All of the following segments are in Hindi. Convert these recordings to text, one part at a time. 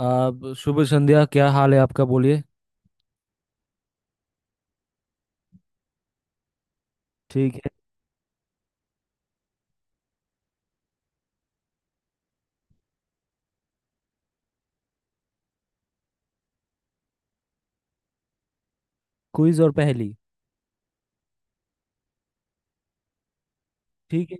आप शुभ संध्या क्या हाल है आपका बोलिए। ठीक है। क्विज और पहेली। ठीक है।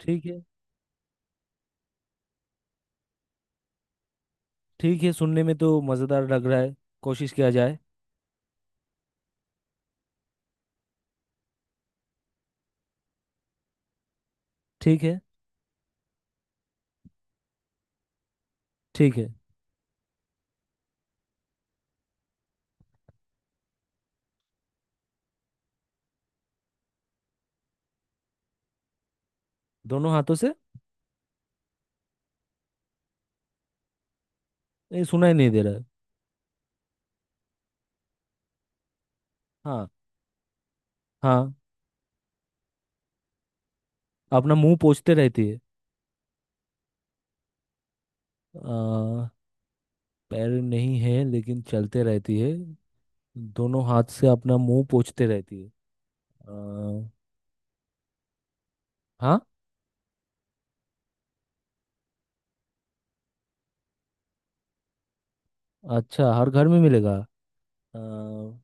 ठीक है। ठीक है सुनने में तो मज़ेदार लग रहा है। कोशिश किया जाए। ठीक है। ठीक है। दोनों हाथों से। ये सुनाई नहीं दे रहा है। हाँ हाँ। अपना मुंह पोंछते रहती है। आ, पैर नहीं है लेकिन चलते रहती है। दोनों हाथ से अपना मुंह पोंछते रहती है। आ, हाँ। अच्छा हर घर में मिलेगा। पैर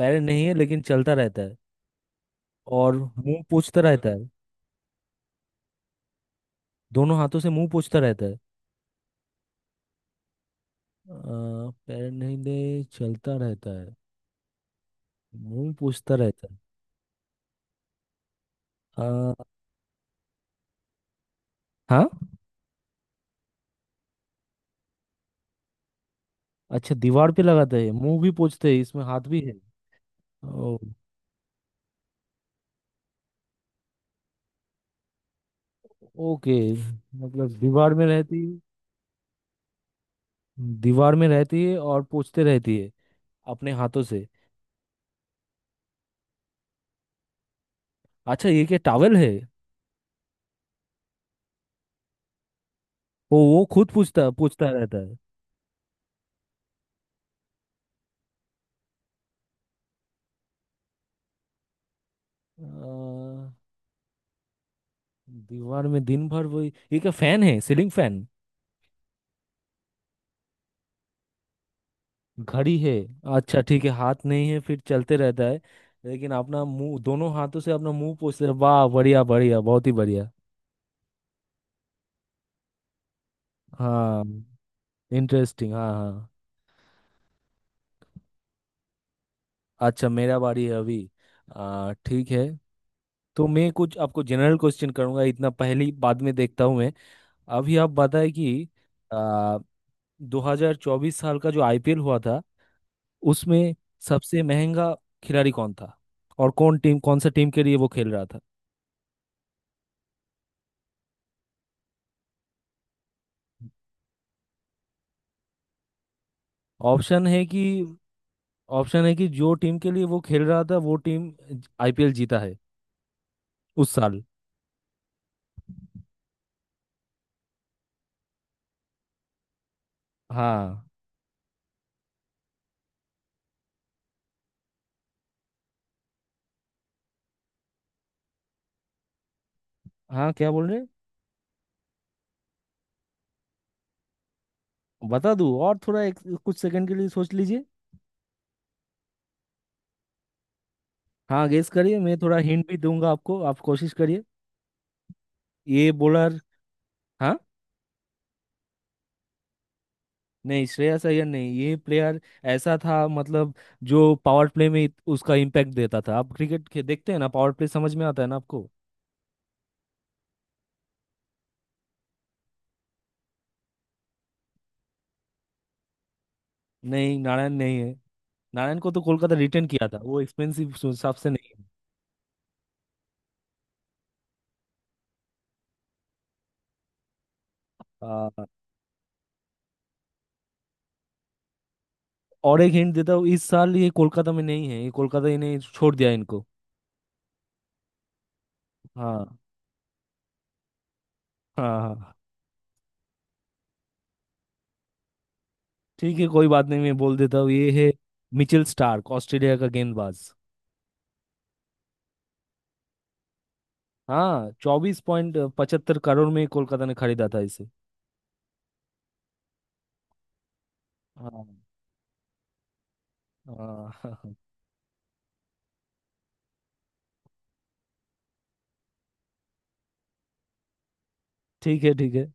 नहीं है लेकिन चलता रहता है और मुंह पोंछता रहता है। दोनों हाथों से मुंह पोंछता रहता है। पैर नहीं दे चलता रहता है। मुंह पोंछता रहता है। अ, हाँ। अच्छा दीवार पे लगाता है मुंह भी पोंछते है इसमें हाथ भी है। ओ, ओके। मतलब दीवार में रहती। दीवार में रहती है और पोंछते रहती है अपने हाथों से। अच्छा ये क्या टॉवल है? वो खुद पूछता पूछता रहता है। अ, दीवार में दिन भर वही, ये क्या फैन है, सीलिंग फैन? घड़ी है। अच्छा ठीक है, हाथ नहीं है फिर चलते रहता है लेकिन अपना मुंह, दोनों हाथों से अपना मुंह पोंछते रहे, वाह बढ़िया बढ़िया, बहुत ही बढ़िया। हाँ। इंटरेस्टिंग, हाँ हाँ। अच्छा मेरा बारी है अभी। ठीक है। तो मैं कुछ आपको जनरल क्वेश्चन करूंगा, इतना पहली बाद में देखता हूं मैं। अभी आप बताएं कि आ, 2024 साल का जो आईपीएल हुआ था, उसमें सबसे महंगा खिलाड़ी कौन था और कौन टीम, कौन सा टीम के लिए वो खेल रहा था? ऑप्शन है कि, ऑप्शन है कि जो टीम के लिए वो खेल रहा था वो टीम आईपीएल जीता है उस साल। हाँ हाँ, क्या बोल रहे? बता दूँ और थोड़ा एक कुछ सेकंड के लिए सोच लीजिए। हाँ गेस करिए, मैं थोड़ा हिंट भी दूंगा आपको, आप कोशिश करिए। ये बॉलर। हाँ। नहीं श्रेयस अय्यर नहीं, ये प्लेयर ऐसा था मतलब, जो पावर प्ले में उसका इम्पैक्ट देता था। आप क्रिकेट देखते हैं ना? पावर प्ले समझ में आता है ना आपको? नहीं नारायण नहीं है। नारायण को तो कोलकाता रिटेन किया था, वो एक्सपेंसिव हिसाब से नहीं। हाँ। और एक हिंट देता हूँ, इस साल ये कोलकाता में नहीं है, ये कोलकाता इन्हें छोड़ दिया, इनको। हाँ हाँ हाँ हाँ। ठीक है कोई बात नहीं, मैं बोल देता हूँ, ये है मिचेल स्टार्क, ऑस्ट्रेलिया का गेंदबाज। हाँ 24.75 करोड़ में कोलकाता ने खरीदा था इसे। हाँ हाँ। ठीक है ठीक है।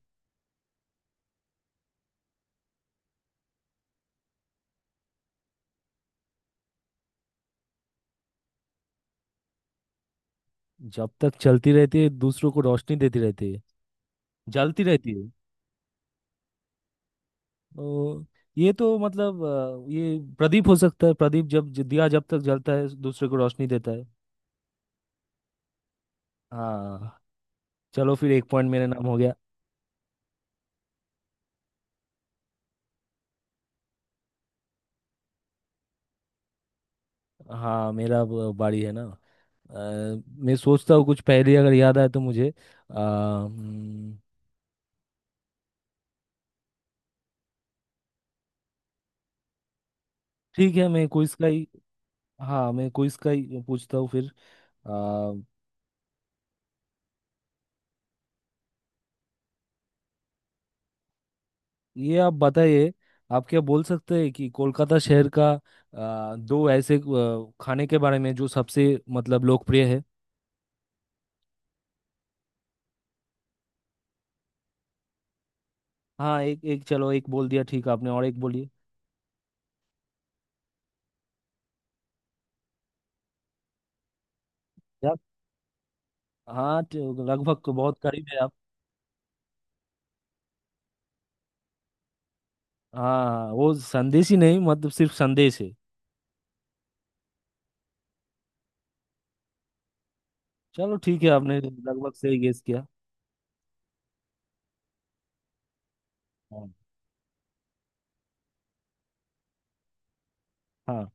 जब तक चलती रहती है दूसरों को रोशनी देती रहती है। जलती रहती है। तो ये तो मतलब ये प्रदीप हो सकता है, प्रदीप जब दिया जब तक जलता है दूसरे को रोशनी देता है। हाँ। चलो फिर एक पॉइंट मेरे नाम हो गया। हाँ मेरा अब बारी है ना। अ, मैं सोचता हूँ कुछ पहेली अगर याद आए तो मुझे। हम्म। ठीक है, मैं क्विज का ही। हाँ मैं क्विज का ही पूछता हूँ फिर। अ, ये आप बताइए, आप क्या बोल सकते हैं कि कोलकाता शहर का दो ऐसे खाने के बारे में, जो सबसे मतलब लोकप्रिय है। हाँ एक एक, चलो एक बोल दिया ठीक आपने, और एक बोलिए। यार, हाँ तो लगभग तो बहुत करीब है आप। हाँ हाँ, वो संदेश ही, नहीं मतलब सिर्फ संदेश है। चलो ठीक है, आपने लगभग सही गेस किया। हाँ। हाँ,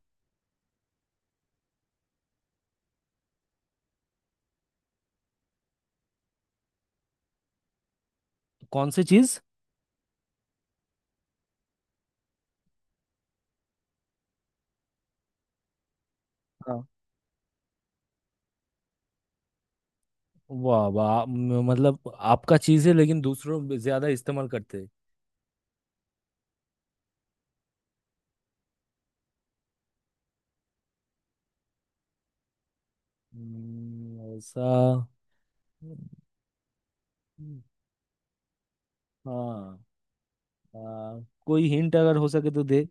तो कौन सी चीज हाँ वाह वाह, मतलब आपका चीज है लेकिन दूसरों में ज्यादा इस्तेमाल करते हैं। ऐसा। हम्म। हाँ। आ, कोई हिंट अगर हो सके तो दे।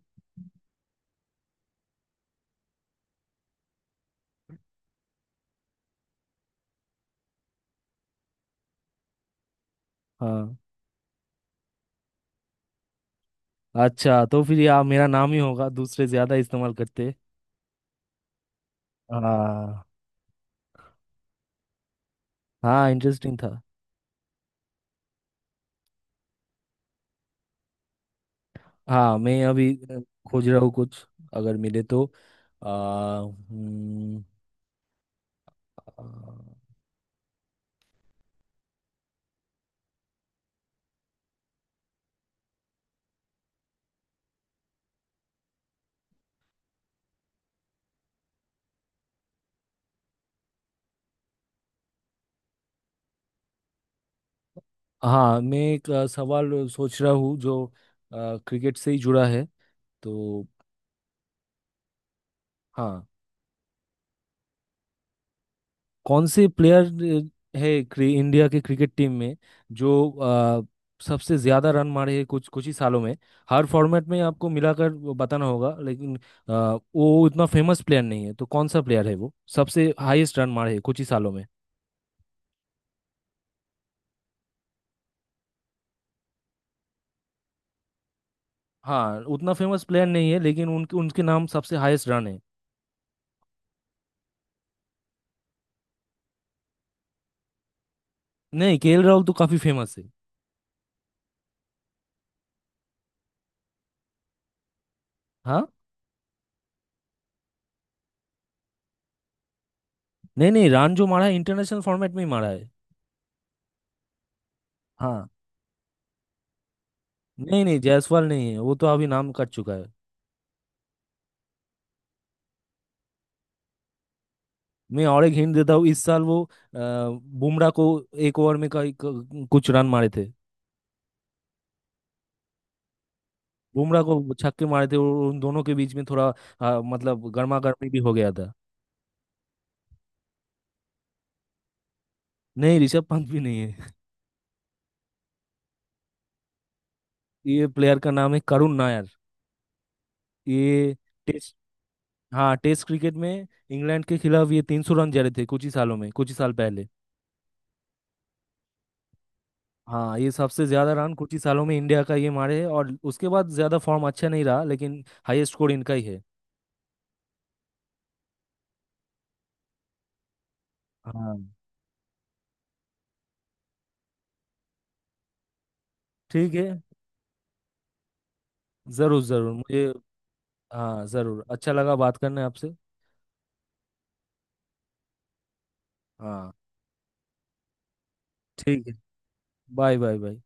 हाँ अच्छा, तो फिर ये मेरा नाम ही होगा, दूसरे ज्यादा इस्तेमाल करते हैं। हाँ। हाँ इंटरेस्टिंग था। हाँ मैं अभी खोज रहा हूँ कुछ, अगर मिले तो। आ, हम्म, हाँ मैं एक सवाल सोच रहा हूँ, जो क्रिकेट से ही जुड़ा है तो। हाँ। कौन से प्लेयर है इंडिया के क्रिकेट टीम में, जो अ, सबसे ज्यादा रन मारे हैं कुछ कुछ ही सालों में। हर फॉर्मेट में आपको मिलाकर वो बताना होगा, लेकिन वो इतना फेमस प्लेयर नहीं है, तो कौन सा प्लेयर है वो, सबसे हाईएस्ट रन मारे हैं कुछ ही सालों में। हाँ उतना फेमस प्लेयर नहीं है, लेकिन उनके उनके नाम सबसे हाईएस्ट रन है। नहीं केएल राहुल तो काफी फेमस है। हाँ। नहीं नहीं, रान जो मारा है इंटरनेशनल फॉर्मेट में ही मारा है। हाँ। नहीं नहीं जायसवाल नहीं है, वो तो अभी नाम कट चुका है। मैं और एक हिंट देता हूँ, इस साल वो बुमराह को एक ओवर में कुछ रन मारे थे। बुमराह को छक्के मारे थे और उन दोनों के बीच में थोड़ा मतलब गर्मा गर्मी भी हो गया था। नहीं ऋषभ पंत भी नहीं है। ये प्लेयर का नाम है करुण नायर। ये टेस्ट। हाँ टेस्ट क्रिकेट में इंग्लैंड के खिलाफ ये 300 रन जड़े थे, कुछ ही सालों में, कुछ ही साल पहले। हाँ ये सबसे ज्यादा रन कुछ ही सालों में इंडिया का ये मारे है, और उसके बाद ज्यादा फॉर्म अच्छा नहीं रहा, लेकिन हाईएस्ट स्कोर इनका ही है। हाँ ठीक है, जरूर जरूर मुझे। हाँ जरूर, अच्छा लगा बात करने आपसे। हाँ ठीक है, बाय बाय बाय।